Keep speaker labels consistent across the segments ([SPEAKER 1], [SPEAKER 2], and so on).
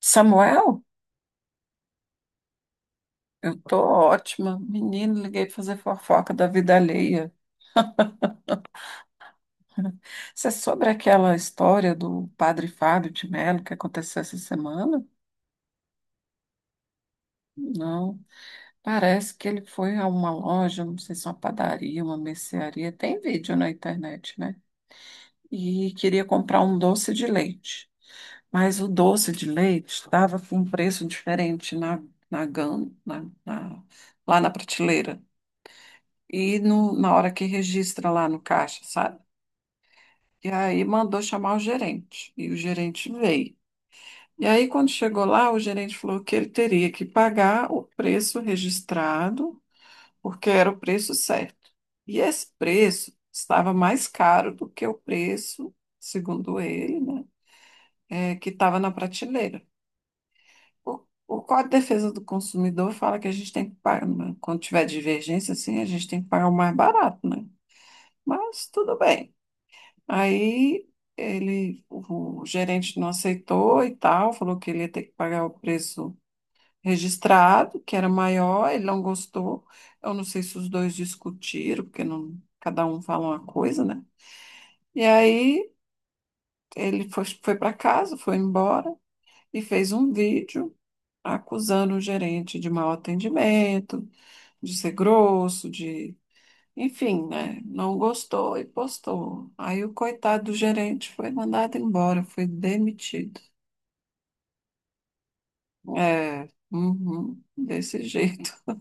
[SPEAKER 1] Samuel, eu tô ótima. Menino, liguei pra fazer fofoca da vida alheia. Isso é sobre aquela história do padre Fábio de Melo que aconteceu essa semana? Não. Parece que ele foi a uma loja, não sei se é uma padaria, uma mercearia, tem vídeo na internet, né? E queria comprar um doce de leite. Mas o doce de leite estava com um preço diferente na, lá na prateleira. E na hora que registra lá no caixa, sabe? E aí mandou chamar o gerente. E o gerente veio. E aí, quando chegou lá, o gerente falou que ele teria que pagar o preço registrado, porque era o preço certo. E esse preço estava mais caro do que o preço, segundo ele, né, que estava na prateleira. O Código de Defesa do Consumidor fala que a gente tem que pagar, né, quando tiver divergência assim, a gente tem que pagar o mais barato, né? Mas tudo bem. Aí ele, o gerente não aceitou e tal, falou que ele ia ter que pagar o preço registrado, que era maior, ele não gostou. Eu não sei se os dois discutiram, porque não, cada um fala uma coisa, né? E aí ele foi para casa, foi embora e fez um vídeo acusando o gerente de mau atendimento, de ser grosso, de Enfim, né? Não gostou e postou. Aí o coitado do gerente foi mandado embora, foi demitido. É, uhum, desse jeito.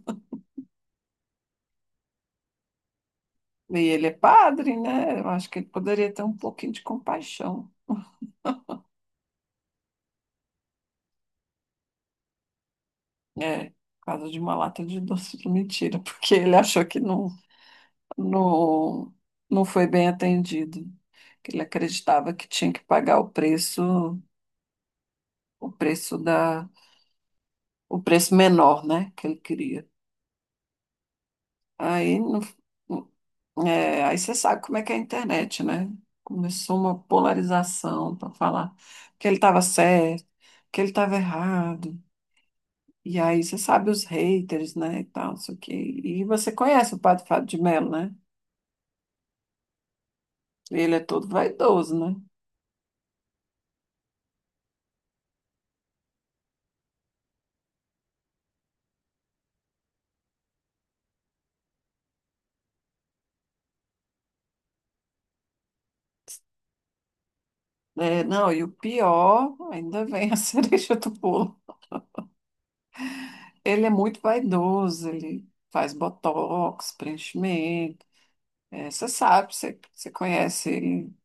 [SPEAKER 1] E ele é padre, né? Eu acho que ele poderia ter um pouquinho de compaixão. É, por causa de uma lata de doce de mentira, porque ele achou que não, não foi bem atendido. Que ele acreditava que tinha que pagar o preço, o preço da, o preço menor, né? Que ele queria. Aí não. É, aí você sabe como é que é a internet, né? Começou uma polarização para falar que ele estava certo, que ele estava errado. E aí você sabe os haters, né? E tal, isso aqui. E você conhece o Padre Fábio de Melo, né? Ele é todo vaidoso, né? É, não, e o pior, ainda vem a cereja do bolo. Ele é muito vaidoso, ele faz botox, preenchimento. É, você sabe, você conhece ele,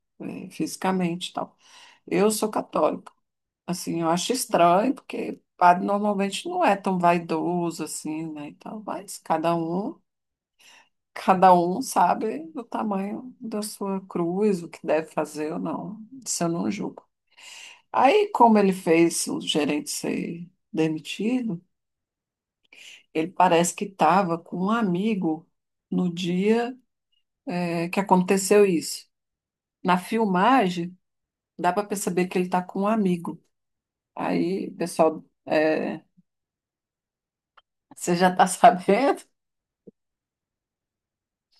[SPEAKER 1] fisicamente e tal. Eu sou católica. Assim, eu acho estranho, porque padre normalmente não é tão vaidoso assim, né? Então, cada um sabe do tamanho da sua cruz, o que deve fazer ou não. Isso eu não julgo. Aí, como ele fez o gerente ser demitido, ele parece que estava com um amigo no dia, que aconteceu isso. Na filmagem, dá para perceber que ele está com um amigo. Aí, pessoal, você já está sabendo?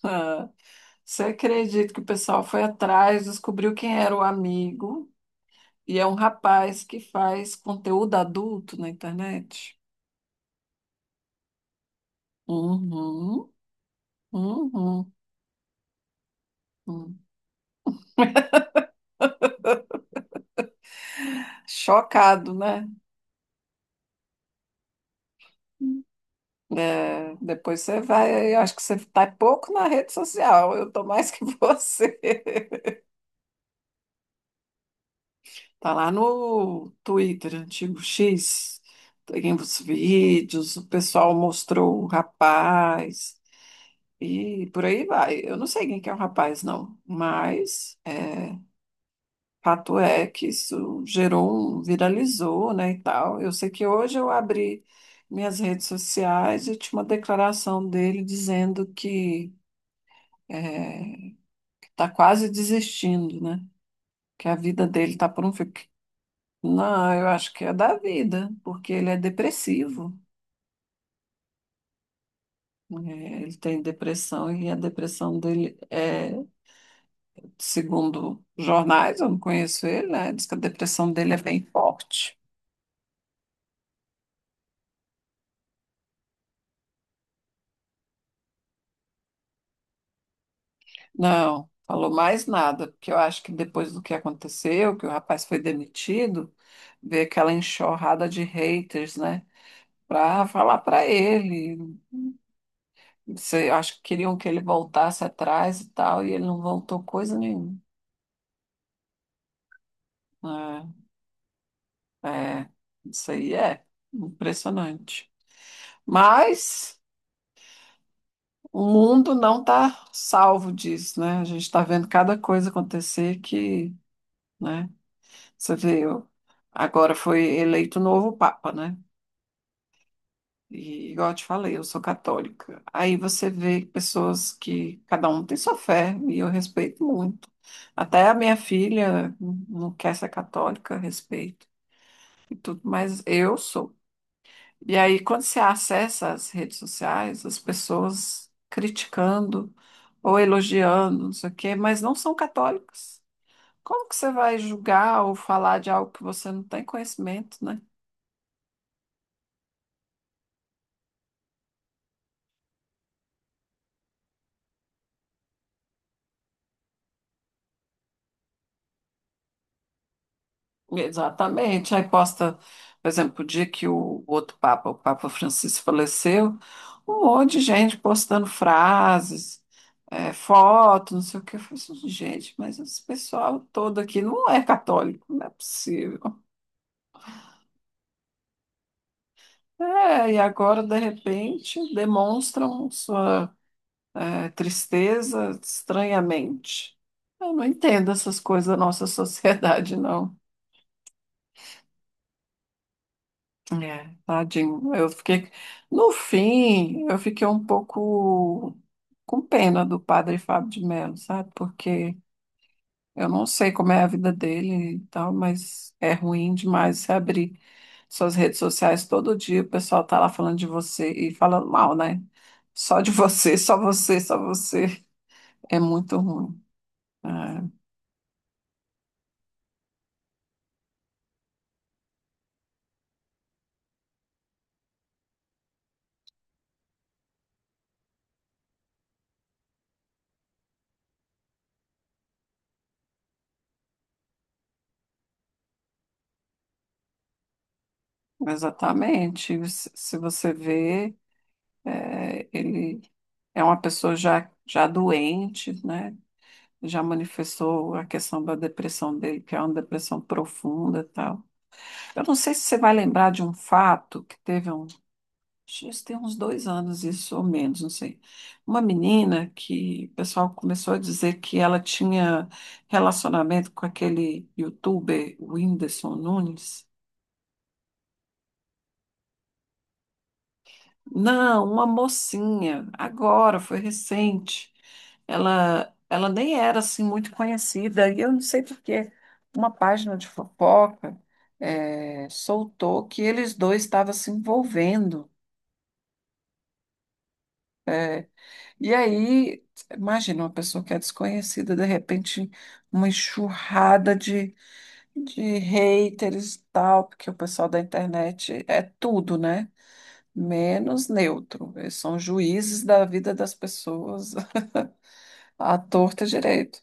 [SPEAKER 1] Você acredita que o pessoal foi atrás, descobriu quem era o amigo, e é um rapaz que faz conteúdo adulto na internet? Uhum, uhum, uhum. Chocado, né? É, depois você vai, eu acho que você está pouco na rede social, eu tô mais que você. Tá lá no Twitter, antigo X, tem os vídeos, o pessoal mostrou o rapaz. E por aí vai. Eu não sei quem que é o rapaz, não, mas fato é que isso gerou um, viralizou, né, e tal. Eu sei que hoje eu abri minhas redes sociais e tinha uma declaração dele dizendo que é, está quase desistindo, né? Que a vida dele está por um fio. Não, eu acho que é da vida, porque ele é depressivo. Né, ele tem depressão e a depressão dele é segundo jornais, eu não conheço ele, né? Diz que a depressão dele é bem forte. Não, falou mais nada, porque eu acho que depois do que aconteceu, que o rapaz foi demitido, veio aquela enxurrada de haters, né? Pra falar pra ele. Sei, eu acho que queriam que ele voltasse atrás e tal, e ele não voltou coisa nenhuma. É, é, isso aí é impressionante. Mas o mundo não está salvo disso, né? A gente está vendo cada coisa acontecer que, né? Você vê, agora foi eleito o novo Papa, né? E igual eu te falei, eu sou católica. Aí você vê pessoas que cada um tem sua fé, e eu respeito muito. Até a minha filha não quer ser católica, respeito e tudo, mas eu sou. E aí, quando você acessa as redes sociais, as pessoas criticando ou elogiando, não sei o quê, mas não são católicas. Como que você vai julgar ou falar de algo que você não tem conhecimento, né? Exatamente. Aí posta, por exemplo, o dia que o outro Papa, o Papa Francisco, faleceu, um monte de gente postando frases, fotos, não sei o quê. Eu falei assim, gente, mas esse pessoal todo aqui não é católico, não é possível. É, e agora, de repente, demonstram sua tristeza estranhamente. Eu não entendo essas coisas da nossa sociedade, não. É, tadinho. No fim, eu fiquei um pouco com pena do padre Fábio de Melo, sabe? Porque eu não sei como é a vida dele e tal, mas é ruim demais você abrir suas redes sociais todo dia, o pessoal tá lá falando de você e falando mal, né? Só de você, só você, só você. É muito ruim. É, exatamente. Se você vê, ele é uma pessoa já doente, né? Já manifestou a questão da depressão dele, que é uma depressão profunda e tal. Eu não sei se você vai lembrar de um fato que teve um acho que isso tem uns 2 anos, isso ou menos, não sei. Uma menina que o pessoal começou a dizer que ela tinha relacionamento com aquele youtuber Whindersson Nunes. Não, uma mocinha, agora, foi recente. Ela nem era assim muito conhecida, e eu não sei por quê. Uma página de fofoca soltou que eles dois estavam se envolvendo. eh, E aí, imagina uma pessoa que é desconhecida, de repente, uma enxurrada de haters e tal, porque o pessoal da internet é tudo, né? Menos neutro. Eles são juízes da vida das pessoas à torta e direito.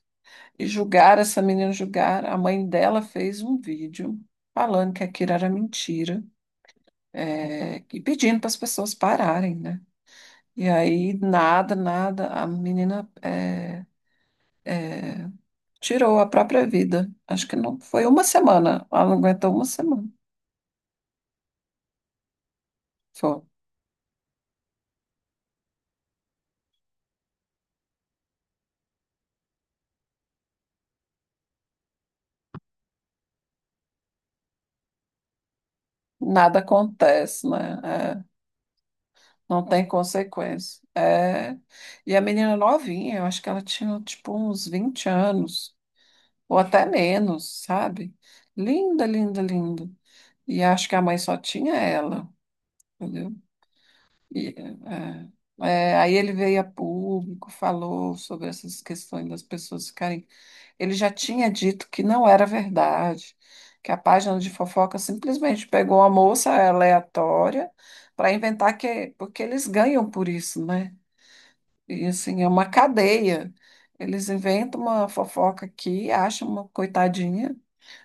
[SPEAKER 1] E julgaram essa menina, julgaram. A mãe dela fez um vídeo falando que aquilo era mentira, e pedindo para as pessoas pararem, né? E aí, nada, nada, a menina. É, tirou a própria vida. Acho que não foi uma semana. Ela não aguentou uma semana. Foi. Nada acontece, né? É, não tem consequência. É, e a menina novinha, eu acho que ela tinha tipo uns 20 anos, ou até menos, sabe? Linda, linda, linda. E acho que a mãe só tinha ela, entendeu? E, é, aí ele veio a público, falou sobre essas questões das pessoas ficarem. Ele já tinha dito que não era verdade, que a página de fofoca simplesmente pegou uma moça aleatória para inventar que. Porque eles ganham por isso, né? E assim, é uma cadeia. Eles inventam uma fofoca aqui, acham uma coitadinha,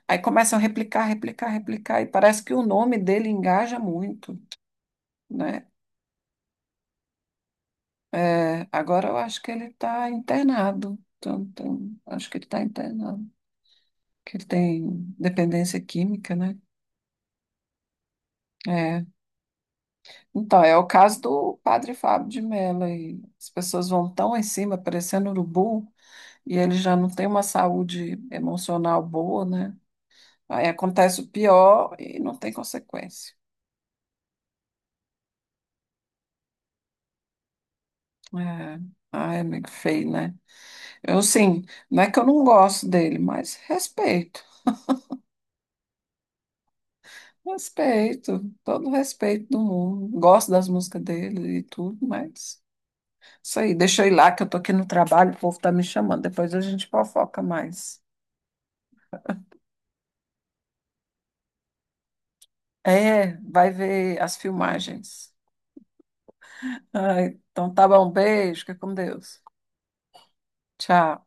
[SPEAKER 1] aí começam a replicar, replicar, replicar, e parece que o nome dele engaja muito, né? É, agora eu acho que ele está internado. Então, acho que ele está internado. Que ele tem dependência química, né? É. Então, é o caso do padre Fábio de Mello. Aí. As pessoas vão tão em cima, parecendo urubu, e ele já não tem uma saúde emocional boa, né? Aí acontece o pior e não tem consequência. É. Ai, amigo feio, né? Eu, sim, não é que eu não gosto dele, mas respeito. Respeito, todo o respeito do mundo. Gosto das músicas dele e tudo, mas isso aí, deixa eu ir lá que eu tô aqui no trabalho, o povo tá me chamando. Depois a gente fofoca mais. É, vai ver as filmagens. Ai, então tá bom, beijo, fica com Deus. Tchau.